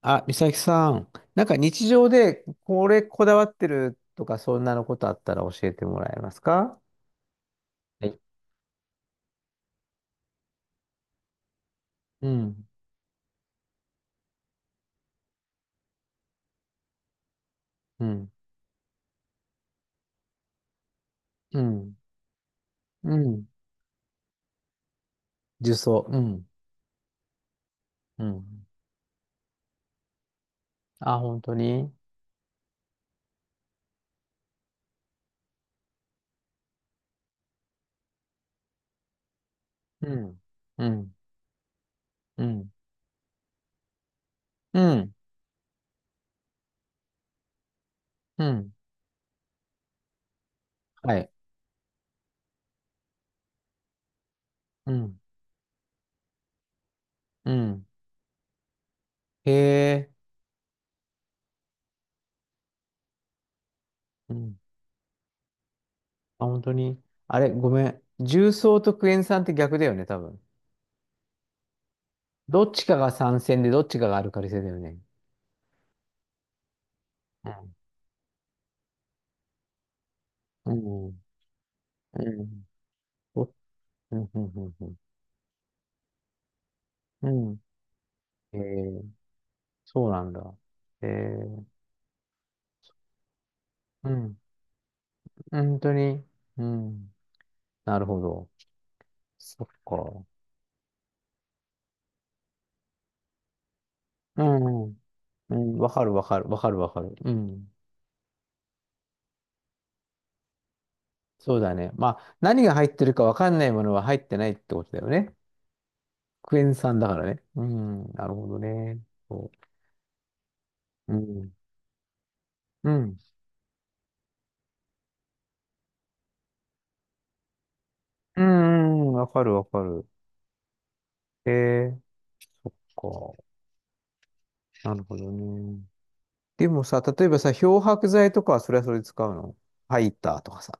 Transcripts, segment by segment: あ、美咲さん、なんか日常でこれこだわってるとか、そんなのことあったら教えてもらえますか？はい。うん、うん、うん、うん、重曹、うん。うん。あ、本当に？うん、うん、うん、うん、うん、はい、うん、うん。へえ、うん。あ、本当に？あれ、ごめん。重曹とクエン酸って逆だよね、多分。どっちかが酸性で、どっちかがアルカリ性だよね。うん、うん、うん。おうんうんうんうんうん。えー、そうなんだ。えー、うん。本当に。うん。なるほど。そっか。うん、うん。うん、わかるわかる。わかるわかる。うん。そうだね。まあ、何が入ってるかわかんないものは入ってないってことだよね。クエン酸だからね。うん。なるほどね。そう。うん。うん。うん、うんわかるわかる。えー、そっか。なるほどね。でもさ、例えばさ、漂白剤とかはそれはそれで使うの？ハイターとかさ。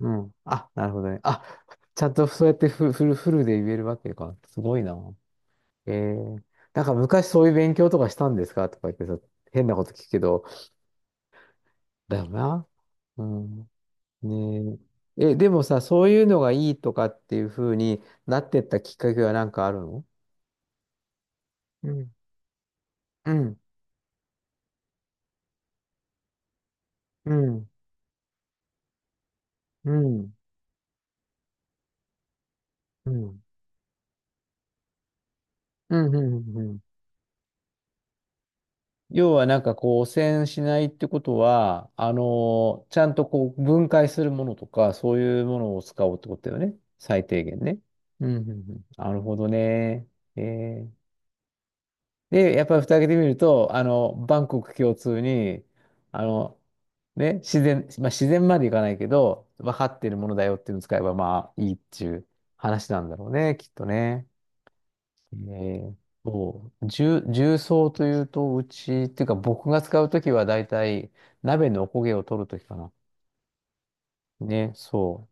うん。あ、なるほどね。あ、ちゃんとそうやってフルで言えるわけか。すごいな。えー、なんか昔そういう勉強とかしたんですかとか言ってさ、変なこと聞くけど、だよな。うん。ねえ。え、でもさ、そういうのがいいとかっていうふうになってったきっかけはなんかあるの？うん。うん。うん。うん。うん。うん。うん。うん。要はなんかこう汚染しないってことは、あのちゃんとこう分解するものとか、そういうものを使おうってことだよね。最低限ね。うんうんうん。なるほどね。えー、で、やっぱり蓋開けてみると、あの、万国共通に、あの、ね、自然、まあ、自然までいかないけど、分かっているものだよっていうのを使えば、まあいいっていう話なんだろうね、きっとね。ねえ、そう、重曹というと、うち、っていうか僕が使うときはだいたい鍋のおこげを取るときかな。ね、そ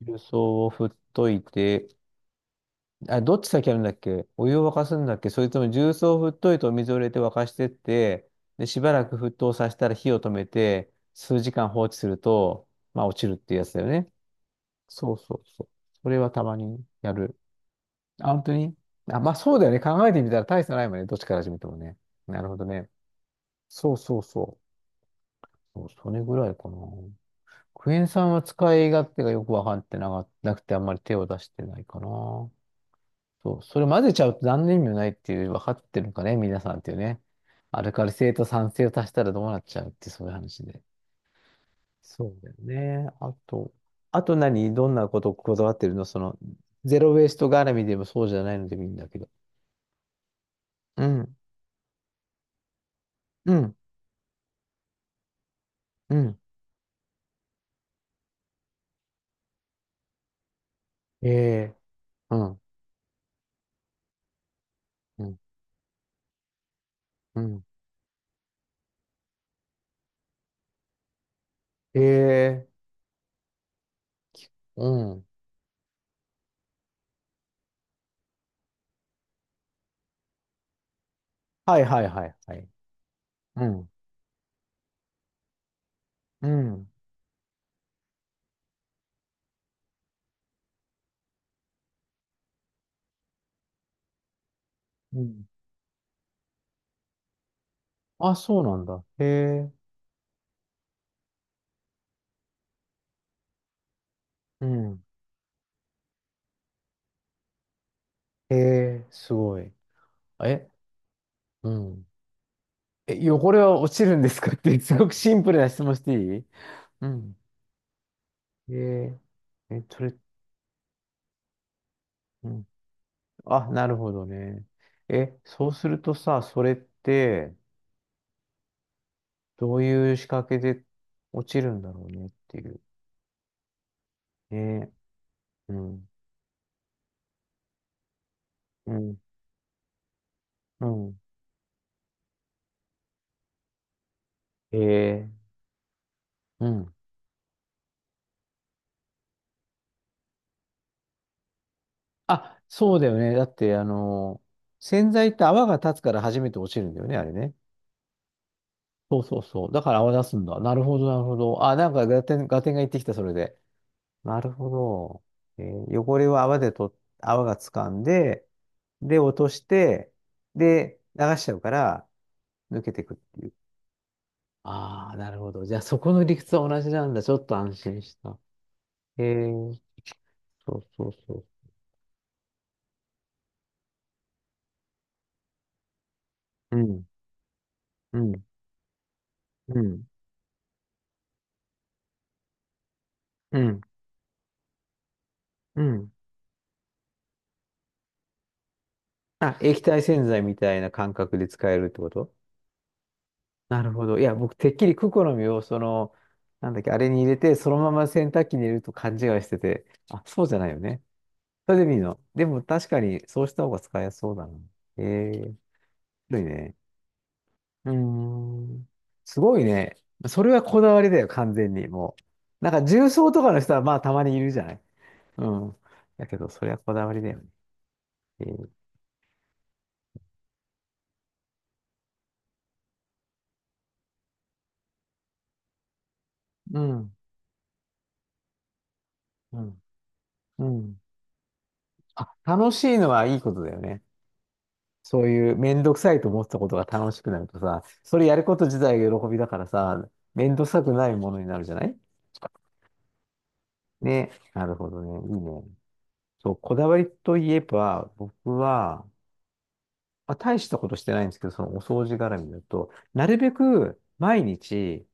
う。重曹を振っといて、あ、どっち先やるんだっけ？お湯を沸かすんだっけ、それとも重曹を振っといてお水を入れて沸かしてって、で、しばらく沸騰させたら火を止めて、数時間放置すると、まあ落ちるっていうやつだよね。そうそうそう。それはたまにやる。あ、本当に？あ、まあそうだよね。考えてみたら大差ないもんね。どっちから始めてもね。なるほどね。そうそうそう。そう、それぐらいかな。クエン酸は使い勝手がよくわかってなかなくてあんまり手を出してないかな。そう、それ混ぜちゃうと何の意味もないっていう、分かってるのかね、皆さんっていうね。アルカリ性と酸性を足したらどうなっちゃうってそういう話で。そうだよね。あと、あと何どんなことこだわってるの、その、ゼロウェイスト絡みでもそうじゃないのでもいいんだけど。うん、うん、うん。ええうん、うん、うん。ええうん。はいはいはいはい。うん。うん。うん。あ、そうなんだ。へえ。うん。へえ、すごい。え、うん。え、汚れは落ちるんですかって、すごくシンプルな質問していい？うん。へえ。え、それ、うん。あ、なるほどね。え、そうするとさ、それって、どういう仕掛けで落ちるんだろうねっていう。ね。うん。うん。うん。へえ。うん。あ、そうだよね。だって、あの、洗剤って泡が立つから初めて落ちるんだよね、あれね。そうそうそう。だから泡出すんだ。なるほど、なるほど。あ、なんかガテン、ガテンが言ってきた、それで。なるほど。えー、汚れを泡でと、泡が掴んで、で、落として、で、流しちゃうから、抜けてくっていう。ああ、なるほど。じゃあ、そこの理屈は同じなんだ。ちょっと安心した。えー、そうそうそう。うん、うん、うん、うん、うん。あ、液体洗剤みたいな感覚で使えるってこと？なるほど。いや、僕、てっきりクコの実を、その、なんだっけ、あれに入れて、そのまま洗濯機に入れると勘違いしてて、あ、そうじゃないよね。それでいいの？でも、確かに、そうした方が使いやすそうだな。ええ面白いね。うーん。すごいね。それはこだわりだよ、完全に。もう。なんか、重曹とかの人は、まあ、たまにいるじゃない。うん。だけど、それはこだわりだよね。えーうん。うん。うん。あ、楽しいのはいいことだよね。そういうめんどくさいと思ってたことが楽しくなるとさ、それやること自体が喜びだからさ、めんどくさくないものになるじゃない。ね、なるほどね。いいね。そう、こだわりといえば、僕は、まあ、大したことしてないんですけど、そのお掃除絡みだと、なるべく毎日、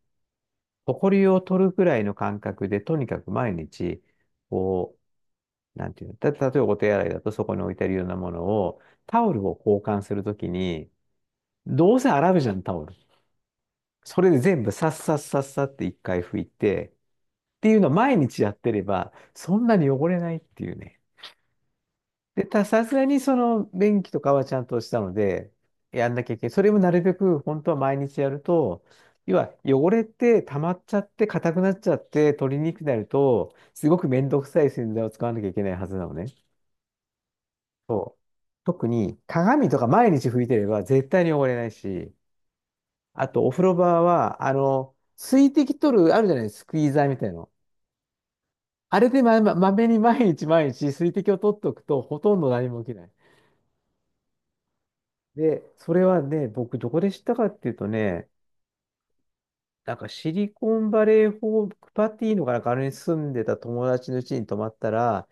埃を取るくらいの感覚で、とにかく毎日、こう、なんていうの、例えばお手洗いだとそこに置いてあるようなものを、タオルを交換するときに、どうせ洗うじゃん、タオル。それで全部さっさっさっさって一回拭いて、っていうのを毎日やってれば、そんなに汚れないっていうね。で、さすがにその便器とかはちゃんとしたので、やんなきゃいけない。それもなるべく本当は毎日やると、要は汚れって溜まっちゃって硬くなっちゃって取りにくくなると、すごくめんどくさい洗剤を使わなきゃいけないはずなのね。特に鏡とか毎日拭いてれば絶対に汚れないし、あとお風呂場は、あの、水滴取る、あるじゃない、スクイーザーみたいなの。あれでまめに毎日毎日水滴を取っておくとほとんど何も起きない。で、それはね、僕どこで知ったかっていうとね、なんかシリコンバレーホークパティーかなんかあれに住んでた友達の家に泊まったら、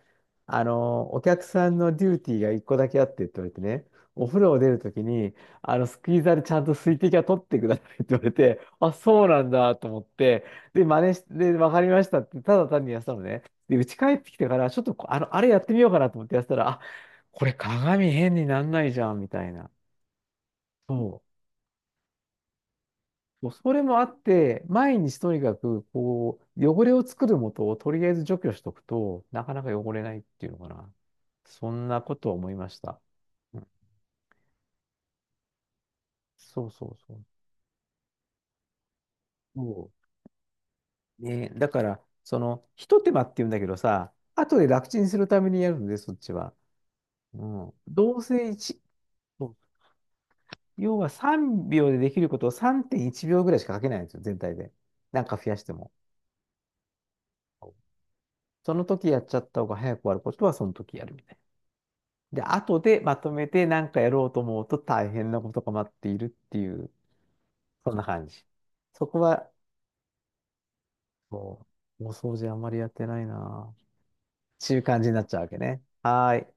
あの、お客さんのデューティーが一個だけあってって言われてね、お風呂を出るときに、あの、スクイーザーでちゃんと水滴は取ってくださいって言われて、あ、そうなんだと思って、で、真似して、でわかりましたって、ただ単にやってたのね。で、家帰ってきてから、ちょっとこあの、あれやってみようかなと思ってやってたら、あ、これ鏡変になんないじゃん、みたいな。そう、そうそれもあって、毎日とにかく、こう、汚れを作るもとをとりあえず除去しとくと、なかなか汚れないっていうのかな。そんなことを思いました。うんそうそうそう。そうね、だから、その、ひと手間って言うんだけどさ、後で楽ちんするためにやるので、そっちは。うん。どうせいちそう要は3秒でできることを3.1秒ぐらいしかかけないんですよ、全体で。なんか増やしても。その時やっちゃった方が早く終わることは、その時やるみたいな。で、後でまとめて何かやろうと思うと大変なことが待っているっていう、そんな感じ。そこは、そう、お掃除あんまりやってないなっていう感じになっちゃうわけね。はーい。